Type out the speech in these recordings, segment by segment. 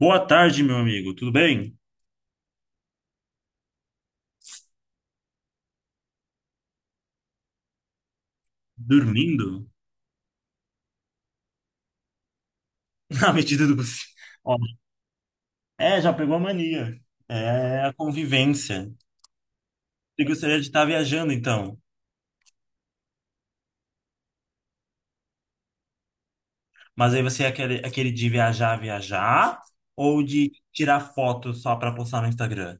Boa tarde, meu amigo. Tudo bem? Dormindo? Na medida do possível. Ó, é, já pegou a mania. É a convivência. Você gostaria de estar viajando, então. Mas aí você é aquele de viajar, viajar? Ou de tirar foto só para postar no Instagram?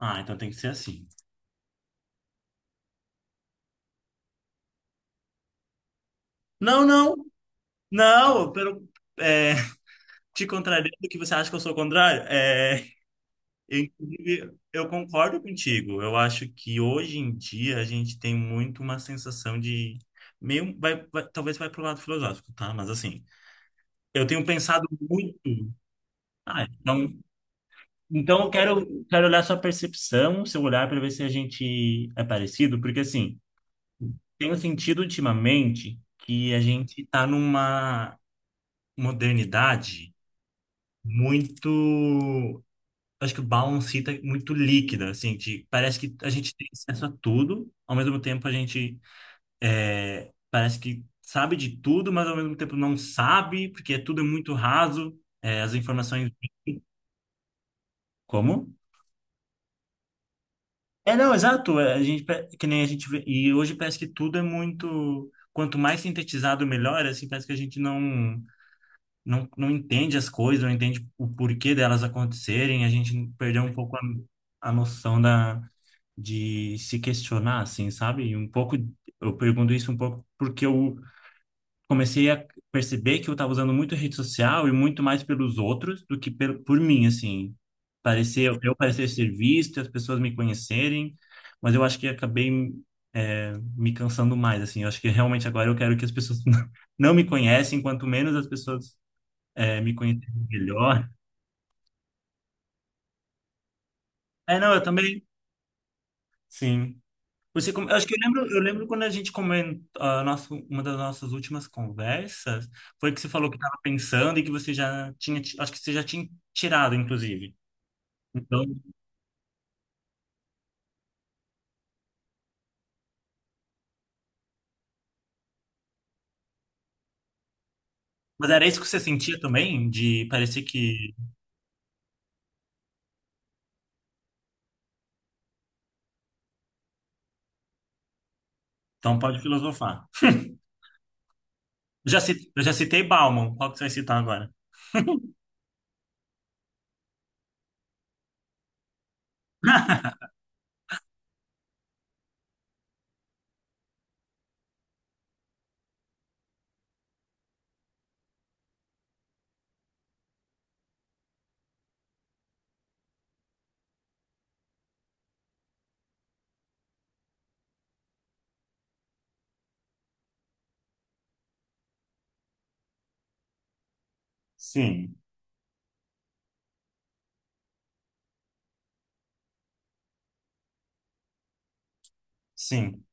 Ah, então tem que ser assim. Não, não, não. Pelo, é, te contrariando que você acha que eu sou o contrário? É, inclusive, eu concordo contigo. Eu acho que hoje em dia a gente tem muito uma sensação de meio talvez vai pro lado filosófico, tá? Mas assim, eu tenho pensado muito. Ah, então, então eu quero olhar sua percepção, seu olhar para ver se a gente é parecido, porque assim, tenho sentido ultimamente que a gente tá numa modernidade muito, acho que o balancita é muito líquida, assim, que parece que a gente tem acesso a tudo, ao mesmo tempo a gente é, parece que sabe de tudo, mas ao mesmo tempo não sabe, porque tudo é muito raso, é, as informações... Como? É, não, exato, é, a gente, que nem a gente vê, e hoje parece que tudo é muito... Quanto mais sintetizado, melhor, assim, parece que a gente não, não, não entende as coisas, não entende o porquê delas acontecerem, a gente perdeu um pouco a noção da... de se questionar, assim, sabe? E um pouco, eu pergunto isso um pouco porque eu comecei a perceber que eu estava usando muito rede social e muito mais pelos outros do que pelo, por mim, assim. Parecer eu parecer ser visto, as pessoas me conhecerem, mas eu acho que acabei é, me cansando mais, assim. Eu acho que realmente agora eu quero que as pessoas não me conhecem, quanto menos as pessoas é, me conhecerem melhor. É, não, eu também, sim. Você, eu acho que eu lembro quando a gente comentou, a nosso, uma das nossas últimas conversas, foi que você falou que estava pensando e que você já tinha, acho que você já tinha tirado, inclusive. Então, mas era isso que você sentia também, de parecer que, então pode filosofar. Eu já citei Bauman, qual que você vai citar agora? Sim, sim,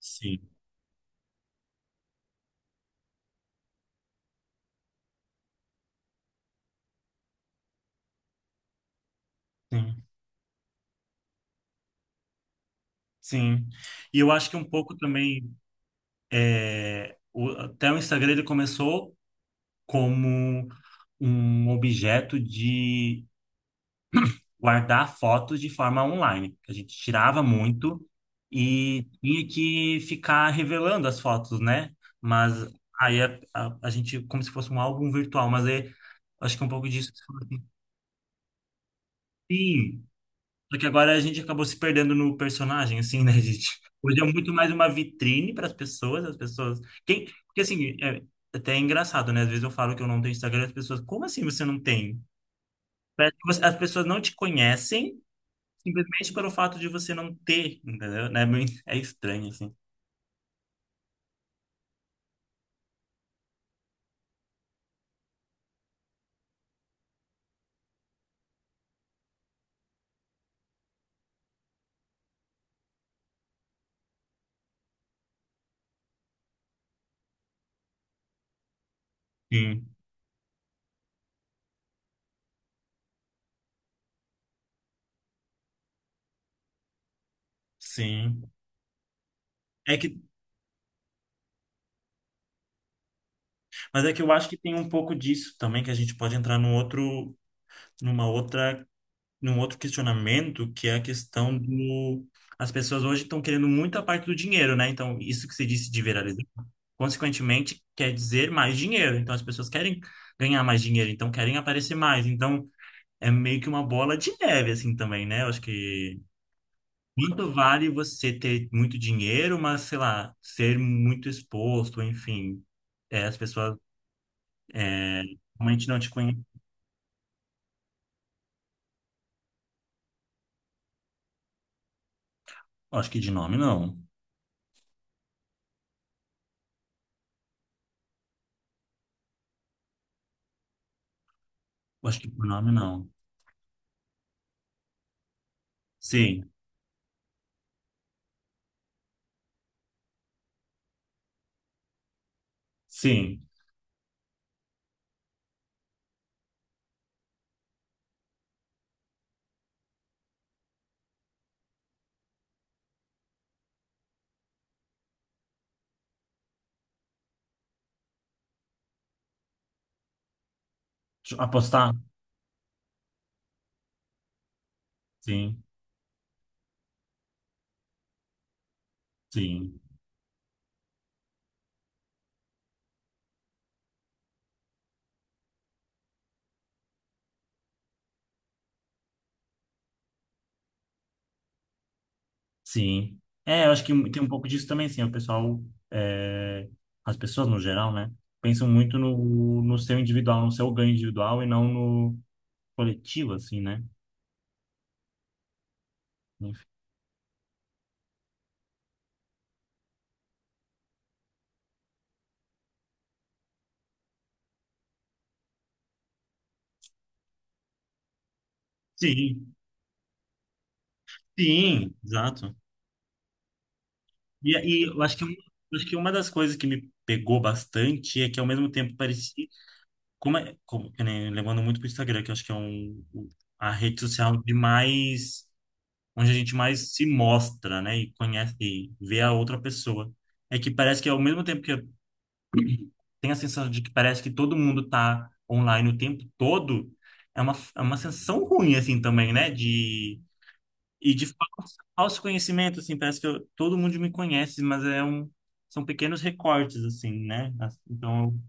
sim, sim, sim. E eu acho que um pouco também, até o Instagram ele começou como um objeto de guardar fotos de forma online. A gente tirava muito e tinha que ficar revelando as fotos, né? Mas aí a gente, como se fosse um álbum virtual, mas aí, acho que é um pouco disso que você falou assim. Sim, só que agora a gente acabou se perdendo no personagem, assim, né, gente? Hoje é muito mais uma vitrine para as pessoas, as pessoas. Quem... Porque assim, é até é engraçado, né? Às vezes eu falo que eu não tenho Instagram e as pessoas, como assim você não tem? Parece que você- As pessoas não te conhecem simplesmente pelo fato de você não ter, entendeu? Né? Bem- É estranho, assim. Sim, sim. É que, mas é que eu acho que tem um pouco disso também, que a gente pode entrar numa outra, num outro questionamento, que é a questão do... As pessoas hoje estão querendo muito a parte do dinheiro, né? Então, isso que você disse de viralizar, consequentemente, quer dizer mais dinheiro. Então, as pessoas querem ganhar mais dinheiro, então querem aparecer mais. Então, é meio que uma bola de neve, assim, também, né? Eu acho que quanto vale você ter muito dinheiro, mas, sei lá, ser muito exposto, enfim. É, as pessoas realmente não te conhecem. Acho que de nome não. Acho que por nome não. Sim, sim. Deixa eu apostar? Sim, sim, sim. É, eu acho que tem um pouco disso também, sim. O pessoal, é, as pessoas no geral, né? Pensam muito no seu individual, no seu ganho individual e não no coletivo, assim, né? Enfim. Sim, sim, exato. E eu acho que, acho que uma das coisas que me pegou bastante é que ao mesmo tempo parecia, como é, como, que nem- levando muito pro Instagram, que eu acho que é a rede social de mais, onde a gente mais se mostra, né, e conhece, e vê a outra pessoa. É que parece que ao mesmo tempo que eu tenho a sensação de que parece que todo mundo tá online o tempo todo, é é uma sensação ruim, assim, também, né, de... E de autoconhecimento, assim, parece que todo mundo me conhece, mas é um, são pequenos recortes, assim, né? Então,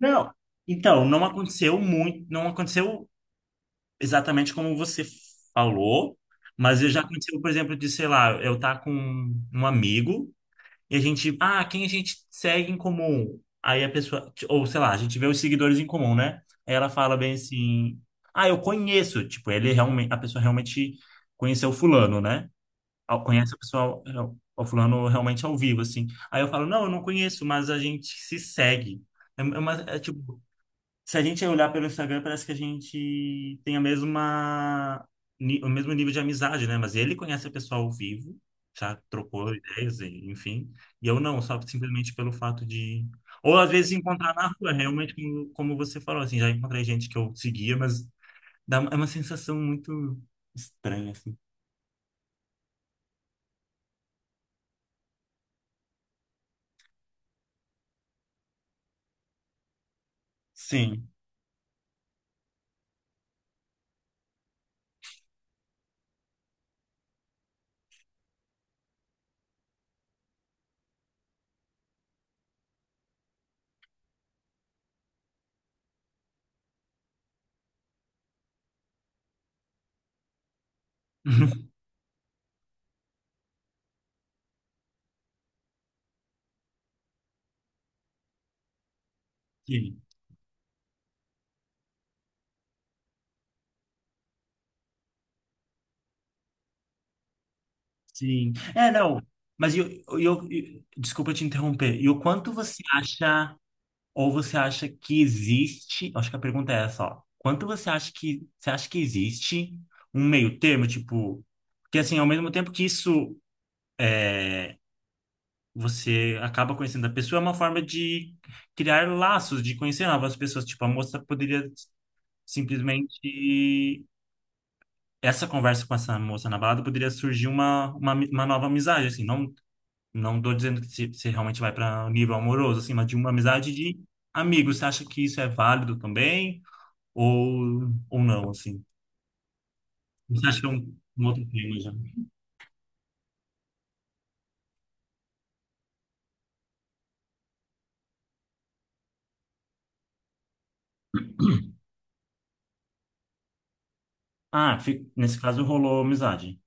não, então, não aconteceu exatamente como você falou, mas eu já aconteceu, por exemplo, de, sei lá, eu estar com um amigo e a gente, ah, quem a gente segue em comum? Aí a pessoa, ou sei lá, a gente vê os seguidores em comum, né? Aí ela fala bem assim, ah, eu conheço, tipo, ele realmente, a pessoa realmente conheceu fulano, né? Conhece o pessoal, é, o fulano realmente ao vivo, assim. Aí eu falo, não, eu não conheço, mas a gente se segue. É, é tipo, se a gente olhar pelo Instagram, parece que a gente tem a mesma, o mesmo nível de amizade, né? Mas ele conhece a pessoa ao vivo, já trocou ideias, enfim. E eu não, só simplesmente pelo fato de... Ou às vezes encontrar na rua, realmente, como, como você falou, assim, já encontrei gente que eu seguia, mas dá, é uma sensação muito estranha, assim. Sim. Sim. Sim. É, não. Mas desculpa te interromper. E o quanto você acha, ou você acha que existe, acho que a pergunta é essa, ó. Quanto você acha que existe um meio termo, tipo, porque assim, ao mesmo tempo que isso você acaba conhecendo a pessoa, é uma forma de criar laços, de conhecer novas pessoas. Tipo, a moça poderia simplesmente essa conversa com essa moça na balada poderia surgir uma nova amizade, assim, não. Não tô dizendo que você realmente vai para nível amoroso, assim, mas de uma amizade de amigos. Você acha que isso é válido também? Ou não, assim? Você acha que é um outro tema já? Ah, nesse caso rolou amizade.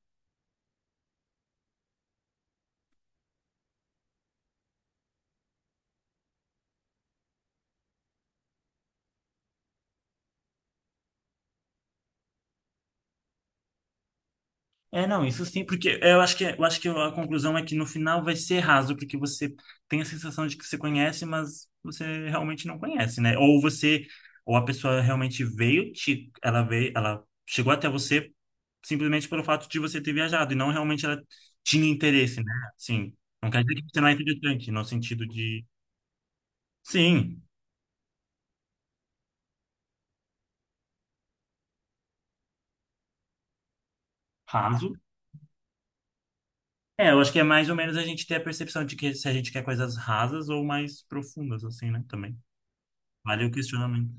É, não, isso sim, porque eu acho que a conclusão é que no final vai ser raso, porque você tem a sensação de que você conhece, mas você realmente não conhece, né? Ou você, ou a pessoa realmente veio, te, ela veio, ela chegou até você simplesmente pelo fato de você ter viajado, e não realmente ela tinha interesse, né? Assim, não quer dizer que você não é interessante, no sentido de, sim, raso. É, eu acho que é mais ou menos a gente ter a percepção de que se a gente quer coisas rasas ou mais profundas, assim, né? Também. Vale o questionamento.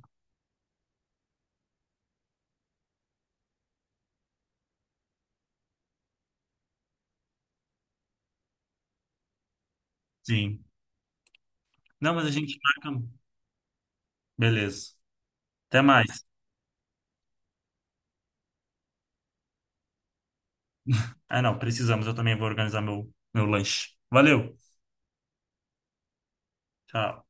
Sim. Não, mas a gente marca. Beleza. Até mais. Ah, não, precisamos. Eu também vou organizar meu lanche. Valeu. Tchau.